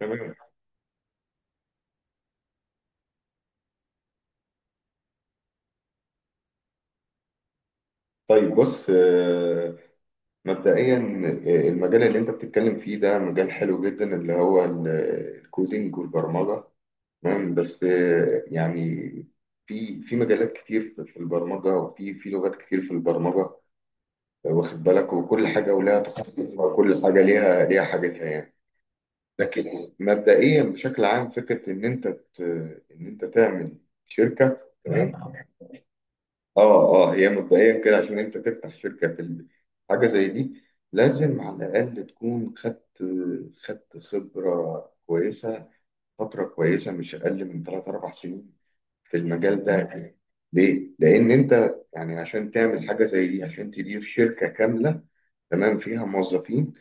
تمام. طيب بص، مبدئيا المجال اللي انت بتتكلم فيه ده مجال حلو جدا، اللي هو الكودينج والبرمجة. تمام. بس يعني في مجالات كتير في البرمجة، وفي لغات كتير في البرمجة. واخد بالك، وكل حاجة ولها تخصصها، وكل حاجة ليها حاجتها يعني. لكن مبدئيا بشكل عام، فكرة ان ان انت تعمل شركة تمام. اه اه هي مبدئيا كده، عشان انت تفتح شركه في حاجه زي دي، لازم على الاقل تكون خدت خبره كويسه فترة كويسة، مش أقل من ثلاث أربع سنين في المجال ده. ليه؟ لأن أنت يعني عشان تعمل حاجة زي دي، عشان تدير شركة كاملة تمام فيها موظفين،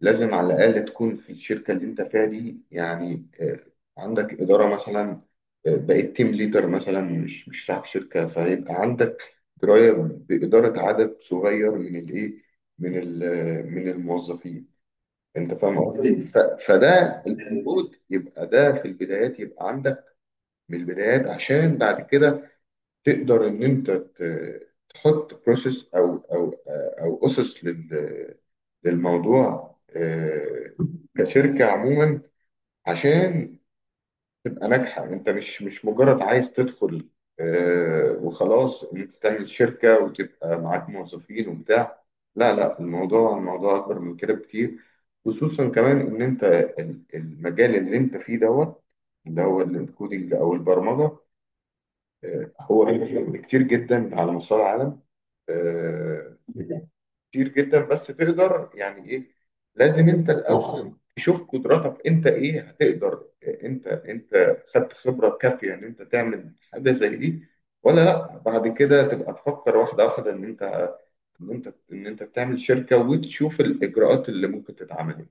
لازم على الأقل تكون في الشركة اللي أنت فيها دي يعني عندك إدارة مثلا. بقيت تيم ليدر مثلا، مش صاحب شركة، فيبقى عندك دراية بإدارة عدد صغير من الإيه، من من الموظفين. انت فاهم قصدي؟ فده المفروض يبقى ده في البدايات، يبقى عندك من البدايات، عشان بعد كده تقدر ان تحط بروسيس، او اسس للموضوع كشركه عموما، عشان تبقى ناجحة. انت مش مجرد عايز تدخل وخلاص ان انت تعمل شركة وتبقى معاك موظفين وبتاع. لا لا، الموضوع اكبر من كده بكتير. خصوصا كمان ان انت المجال اللي انت فيه دوت، اللي هو الكودينج او البرمجة هو كتير جدا على مستوى العالم آه، كتير جدا. بس تقدر يعني ايه، لازم انت الاول تشوف قدراتك انت ايه هتقدر. انت خدت خبره كافيه ان انت تعمل حاجه زي دي ولا لا؟ بعد كده تبقى تفكر واحده واحده ان انت ان انت ان انت تعمل شركه، وتشوف الاجراءات اللي ممكن تتعمل.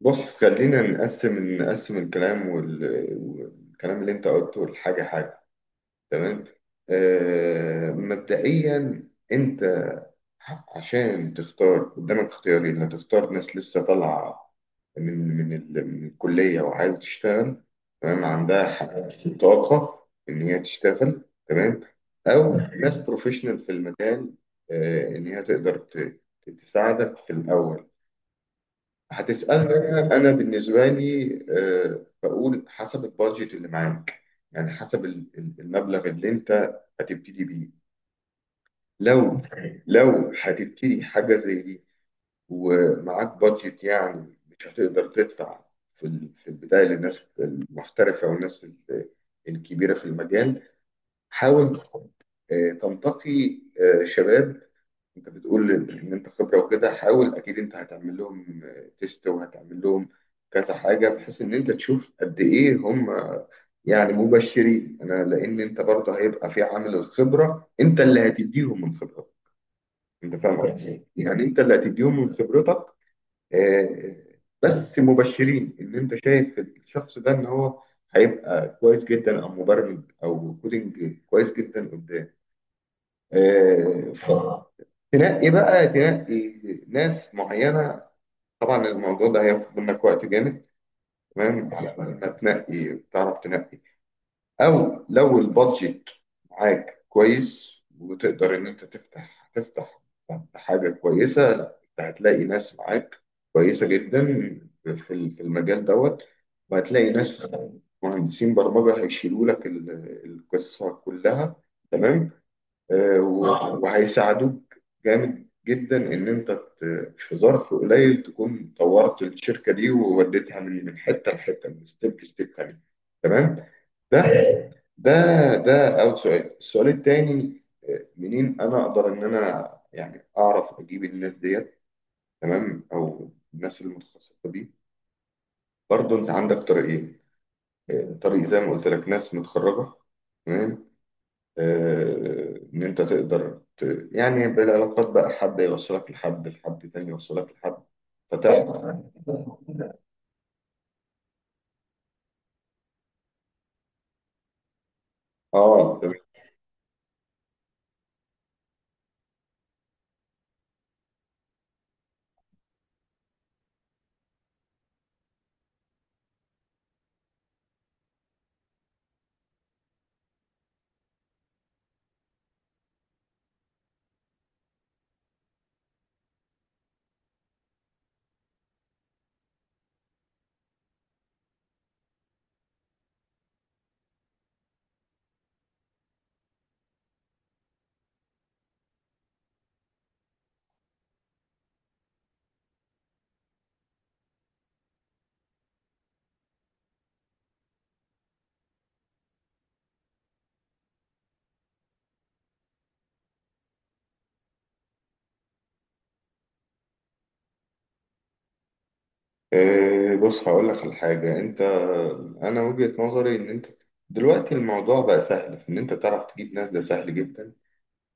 بص، خلينا نقسم الكلام والكلام اللي انت قلته لحاجه حاجه. تمام. آه مبدئيا انت عشان تختار قدامك اختيارين: هتختار ناس لسه طالعه من الكليه وعايزه تشتغل، تمام، عندها طاقه ان هي تشتغل، تمام، او ناس بروفيشنال في المجال ان هي تقدر تساعدك في الاول. هتسألني أنا، أنا بالنسبة لي بقول حسب البادجت اللي معاك، يعني حسب المبلغ اللي أنت هتبتدي بيه. لو لو هتبتدي حاجة زي دي ومعاك بادجت يعني مش هتقدر تدفع في في البداية للناس المحترفة والناس الكبيرة في المجال، حاول تنتقي شباب. انت بتقول ان إن انت خبره وكده، حاول اكيد انت هتعمل لهم تيست، وهتعمل لهم كذا حاجه، بحيث ان انت تشوف قد ايه هم يعني مبشرين. انا لان انت برضه هيبقى في عامل الخبره، انت اللي هتديهم من خبرتك. انت فاهم قصدي إيه؟ يعني انت اللي هتديهم من خبرتك. آه، بس مبشرين، ان انت شايف الشخص ده ان هو هيبقى كويس جدا، او مبرمج او كودينج كويس جدا قدام فتنقي بقى، ناس معينة. طبعا الموضوع ده هياخد منك وقت جامد، تمام، على ما تنقي تعرف تنقي. أو لو البادجت معاك كويس، وتقدر إن أنت تفتح حاجة كويسة، لا أنت هتلاقي ناس معاك كويسة جدا في في المجال دوت، وهتلاقي ناس مهندسين برمجة هيشيلوا لك القصة كلها، تمام، وهيساعدوك جامد جدا ان في ظرف قليل تكون طورت الشركه دي، ووديتها من حته لحته، من ستيب لستيب تاني، تمام. ده ده ده اول سؤال. السؤال التاني منين انا اقدر ان انا يعني اعرف اجيب الناس ديت، تمام، او الناس المتخصصه دي؟ برضو انت عندك طريقين طريق زي ما قلت لك ناس متخرجه، تمام، ان انت تقدر ت... يعني بالعلاقات بقى، حد يوصلك لحد، تاني يوصلك لحد فتعرف. اه، تمام. بص، هقول لك على حاجه. انت، انا وجهه نظري ان انت دلوقتي الموضوع بقى سهل في ان انت تعرف تجيب ناس، ده سهل جدا،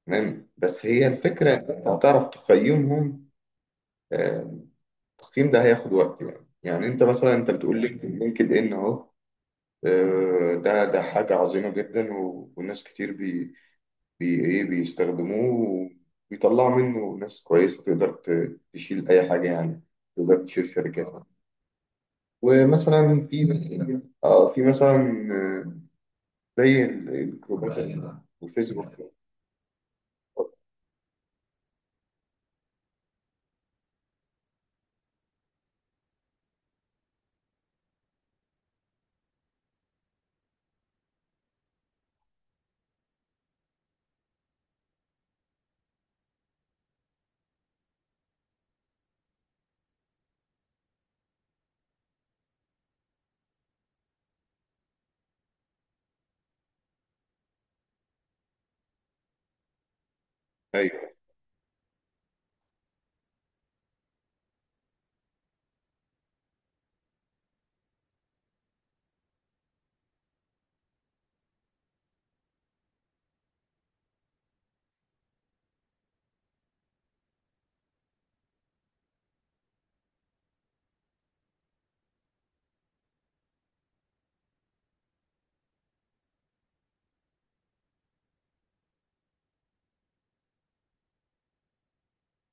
تمام، بس هي الفكره ان انت هتعرف تقيمهم. آه، التقييم ده هياخد وقت. يعني يعني انت مثلا، انت بتقول لي لينكد ان اهو، ده حاجه عظيمه جدا، وناس كتير بي ايه بيستخدموه، وبيطلعوا منه ناس كويسة تقدر تشيل أي حاجة يعني، تقدر تشيل شركات. ومثلا في مثلا، اه في مثلا آه، زي الجروبات والفيسبوك. ايوه.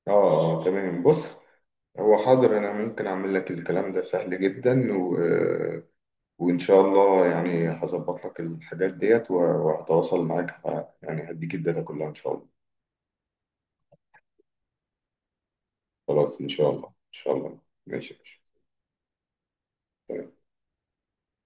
اه، تمام. بص، هو حاضر انا ممكن اعمل لك الكلام ده سهل جدا، و... آه، وان شاء الله يعني هظبط لك الحاجات ديت، وهتواصل معاك، يعني هديك الداتا كلها ان شاء الله. خلاص، ان شاء الله، ان شاء الله. ماشي ماشي.